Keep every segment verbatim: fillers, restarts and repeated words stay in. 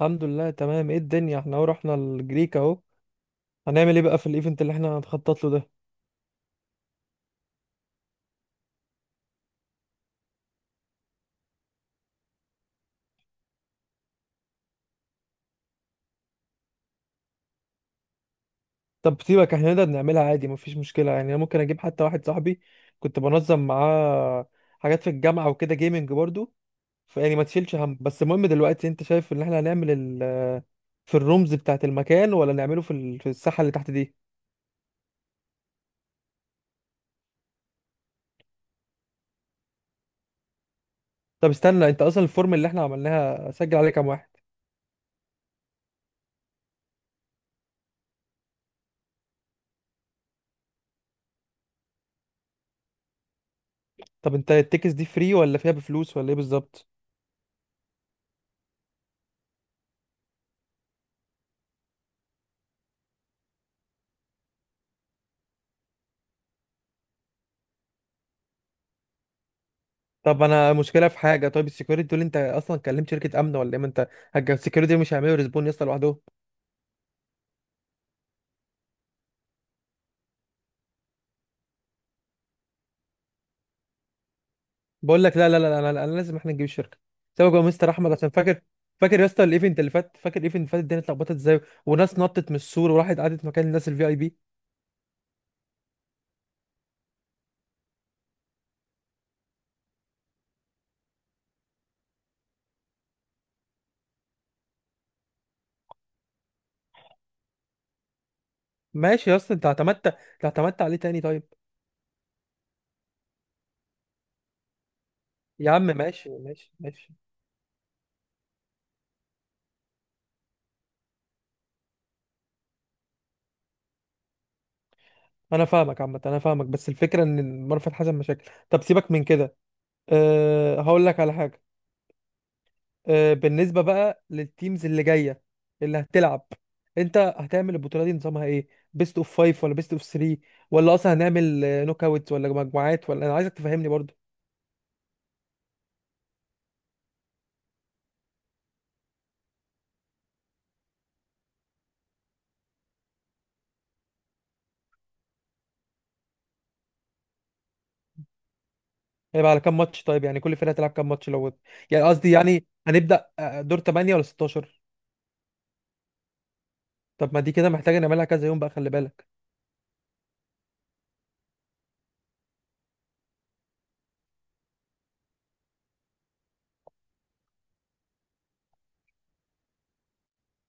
الحمد لله، تمام. ايه الدنيا؟ احنا اهو رحنا الجريك اهو. هنعمل ايه بقى في الايفنت اللي احنا هنخطط له ده؟ طب سيبك، احنا نقدر نعملها عادي، مفيش مشكله. يعني انا ممكن اجيب حتى واحد صاحبي كنت بنظم معاه حاجات في الجامعه وكده، جيمنج برضو. فيعني ما تشيلش هم. بس المهم دلوقتي، انت شايف ان احنا هنعمل ال... في الرومز بتاعه المكان، ولا نعمله في ال... في الساحه اللي تحت دي؟ طب استنى، انت اصلا الفورم اللي احنا عملناها سجل عليه كام واحد؟ طب انت التيكس دي فري ولا فيها بفلوس، ولا ايه بالظبط؟ طب انا مشكله في حاجه. طيب السكيورتي دول انت اصلا كلمت شركه امن ولا ايه؟ ما انت السكيورتي مش هيعملوا ريسبون يا اسطى لوحدهم. بقول لك لا، لا، لا، لا، لا، لا، لازم احنا نجيب الشركه. سيبك يا مستر احمد، عشان فاكر. فاكر يا اسطى الايفنت اللي فات؟ فاكر الايفنت اللي فات الدنيا اتلخبطت ازاي، وناس نطت من السور وراحت قعدت مكان الناس الفي اي بي؟ ماشي يا اسطى، انت اعتمدت انت اعتمدت عليه تاني؟ طيب. يا عم، ماشي ماشي ماشي. انا فاهمك، عامه انا فاهمك، بس الفكره ان مرفت حسن مشاكل. طب سيبك من كده. أه هقول لك على حاجه. آه، بالنسبة بقى للتيمز اللي جاية اللي هتلعب، انت هتعمل البطولة دي نظامها ايه؟ بيست اوف فايف ولا بيست اوف ثري؟ ولا اصلا هنعمل نوك اوتس ولا مجموعات؟ ولا انا عايزك تفهمني برضو. هيبقى على كام ماتش؟ طيب يعني كل فرقة هتلعب كام ماتش لو؟ يعني قصدي، يعني هنبدأ آه، دور تمانية ولا ستة عشر؟ طب ما دي كده محتاجة نعملها كذا يوم بقى، خلي بالك.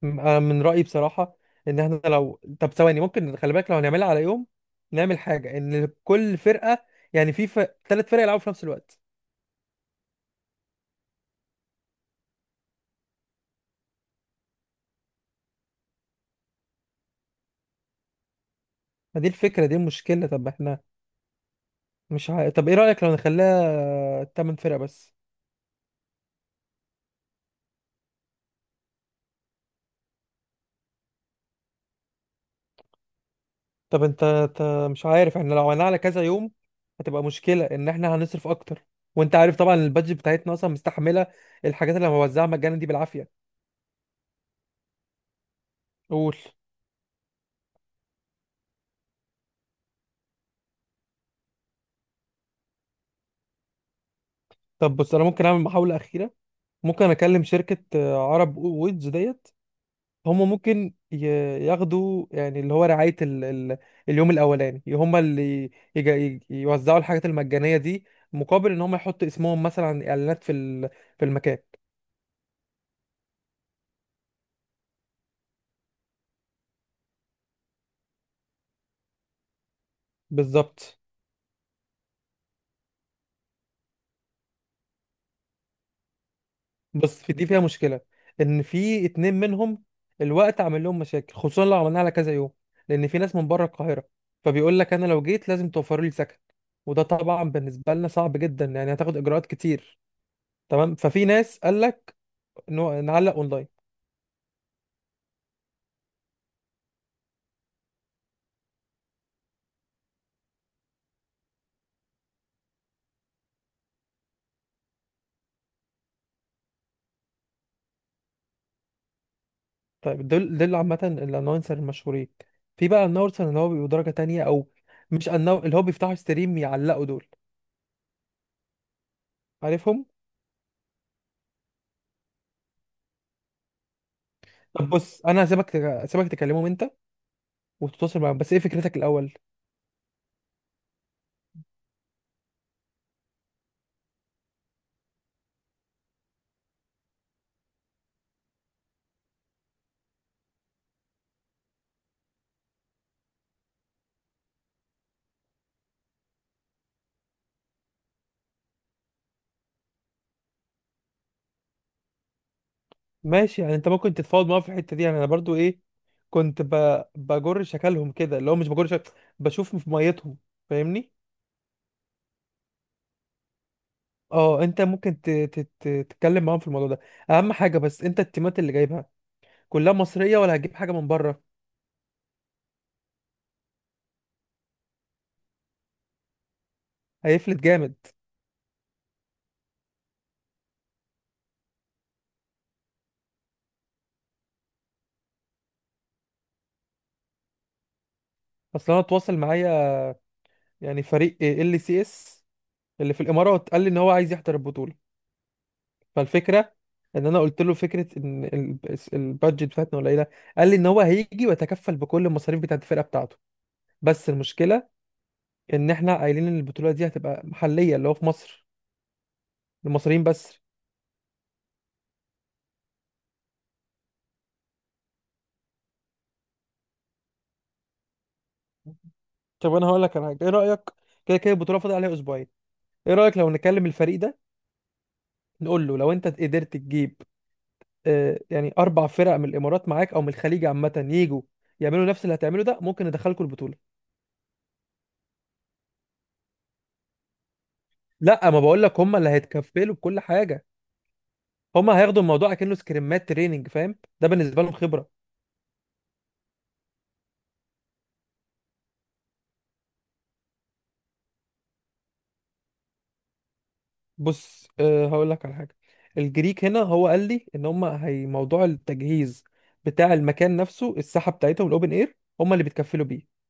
م- انا من رأيي بصراحة ان احنا لو، طب ثواني ممكن، خلي بالك، لو هنعملها على يوم نعمل حاجة ان كل فرقة، يعني في ثلاث فرق يلعبوا في نفس الوقت. ما دي الفكرة، دي المشكلة. طب احنا مش ع... طب ايه رأيك لو نخليها تمن فرق بس؟ طب انت انت مش عارف، احنا لو عملناها على كذا يوم هتبقى مشكلة ان احنا هنصرف اكتر. وانت عارف طبعا البادجت بتاعتنا اصلا مستحملة الحاجات اللي بوزعها مجانا دي بالعافية. قول. طب بص، انا ممكن اعمل محاولة اخيرة. ممكن اكلم شركة آه، عرب ويدز ديت. هم ممكن ي- ياخدوا يعني اللي هو رعاية ال ال اليوم الأولاني، هم اللي يج- ي- يوزعوا الحاجات المجانية دي، مقابل إن هم يحطوا اسمهم مثلا على إعلانات في ال في المكان. بالظبط. بس في دي فيها مشكلة، إن في اتنين منهم الوقت عامل لهم مشاكل، خصوصا لو عملناها على كذا يوم، لأن في ناس من بره القاهرة، فبيقول لك أنا لو جيت لازم توفروا لي سكن. وده طبعا بالنسبة لنا صعب جدا، يعني هتاخد إجراءات كتير. تمام. ففي ناس قال لك نعلق أونلاين. طيب دول دول عامة الانونسر المشهورين. في بقى الانونسر اللي هو بيبقوا درجة تانية، او مش النو... اللي هو بيفتحوا ستريم يعلقوا دول، عارفهم؟ طب بص، انا هسيبك تك... هسيبك تكلمهم انت وتتواصل معاهم، بس ايه فكرتك الاول؟ ماشي، يعني انت ممكن تتفاوض معاهم في الحتة دي. يعني انا برضو ايه، كنت ب... بجر شكلهم كده اللي هو مش بجر شكل، بشوف في ميتهم. فاهمني؟ اه انت ممكن ت... ت... ت... تتكلم معاهم في الموضوع ده. اهم حاجة بس انت التيمات اللي جايبها كلها مصرية ولا هتجيب حاجة من بره؟ هيفلت جامد. اصل انا اتواصل معايا يعني فريق ال سي اس اللي في الامارات، قال لي ان هو عايز يحضر البطوله. فالفكره ان انا قلت له فكره ان ال- البادجت بتاعتنا قليله. قال لي ان هو هيجي ويتكفل بكل المصاريف بتاعت الفرقه بتاعته. بس المشكله ان احنا قايلين ان البطوله دي هتبقى محليه، اللي هو في مصر، المصريين بس. طب انا هقول لك على حاجه، ايه رايك؟ كده كده البطوله فاضل عليها اسبوعين. ايه رايك لو نكلم الفريق ده نقول له لو انت قدرت تجيب آه، يعني اربع فرق من الامارات معاك او من الخليج عامه، يجوا يعملوا نفس اللي هتعمله ده، ممكن ندخلكم البطوله. لا، ما بقول لك، هم اللي هيتكفلوا بكل حاجه. هم هياخدوا الموضوع كأنه سكريمات تريننج، فاهم؟ ده بالنسبه لهم خبره. بص، أه هقول لك على حاجه. الجريك هنا، هو قال لي ان هم هي موضوع التجهيز بتاع المكان نفسه، الساحه بتاعتهم الاوبن اير هم اللي بيتكفلوا بيه.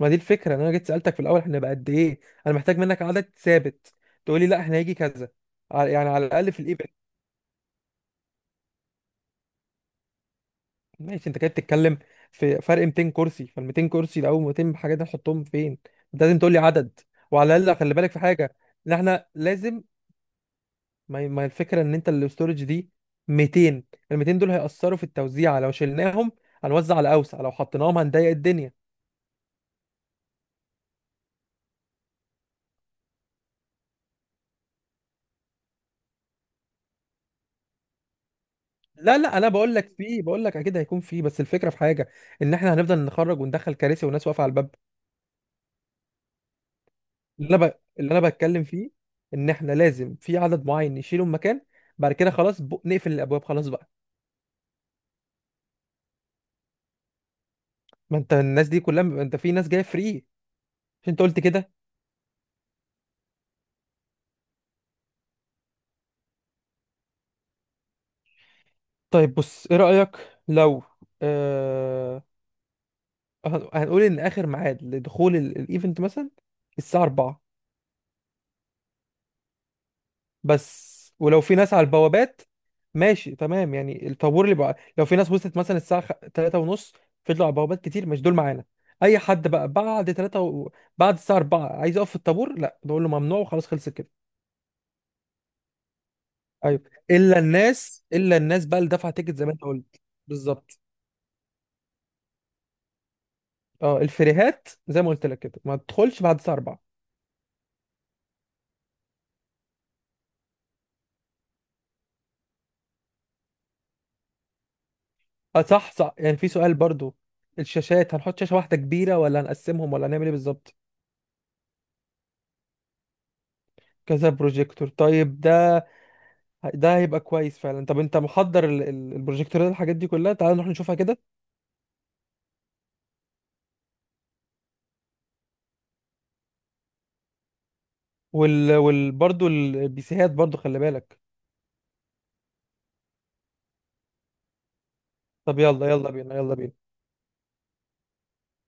ما دي الفكره ان انا جيت سالتك في الاول احنا بقى قد ايه. انا محتاج منك عدد ثابت، تقول لي لا احنا هيجي كذا، على- يعني على الاقل في الايفنت. ماشي، انت كده بتتكلم في فرق. ميتين كرسي، فال ميتين كرسي ده او مئتين حاجه دي نحطهم فين؟ انت لازم تقول لي عدد. وعلى الاقل خلي بالك في حاجه، ان احنا لازم، ما هي- ما هي الفكره ان انت الاستورج دي ميتين، ال ميتين دول هيأثروا في التوزيع. لو شلناهم هنوزع على اوسع، لو حطيناهم هنضيق الدنيا. لا، لا، انا بقول لك في، بقول لك اكيد هيكون في، بس الفكره في حاجه، ان احنا هنفضل نخرج وندخل كراسي وناس واقفه على الباب. اللي انا ب... اللي انا بتكلم فيه ان احنا لازم في عدد معين نشيله من مكان. بعد كده خلاص، ب... نقفل الابواب خلاص بقى. ما انت الناس دي كلها، انت في ناس جايه فري، مش انت قلت كده؟ طيب بص، ايه رايك لو آه... هن- هنقول ان اخر ميعاد لدخول ال- الايفنت مثلا الساعه أربعة. بس ولو في ناس على البوابات، ماشي تمام. يعني الطابور اللي بقى لو في ناس وصلت مثلا الساعه ثلاثة ونص فضلوا على البوابات كتير، مش دول معانا. اي حد بقى بعد ثلاثة، و... بعد الساعه أربعة عايز يقف في الطابور، لا، نقول له ممنوع وخلاص، خلصت كده. ايوه، الا الناس، الا الناس بقى اللي دفع تيكت زي ما انت قلت. بالظبط. اه الفريهات زي ما قلت لك كده ما تدخلش بعد الساعه اربعة. اه صح صح. يعني في سؤال برضو، الشاشات هنحط شاشه واحده كبيره، ولا هنقسمهم، ولا هنعمل ايه بالظبط؟ كذا بروجيكتور؟ طيب ده، ده هيبقى كويس فعلا. طب انت محضر ال- ال- البروجيكتور ده الحاجات دي كلها؟ تعال نروح نشوفها كده. وال... وال... برضو البيسيهات برضو خلي بالك. طب يلا يلا بينا، يلا بينا.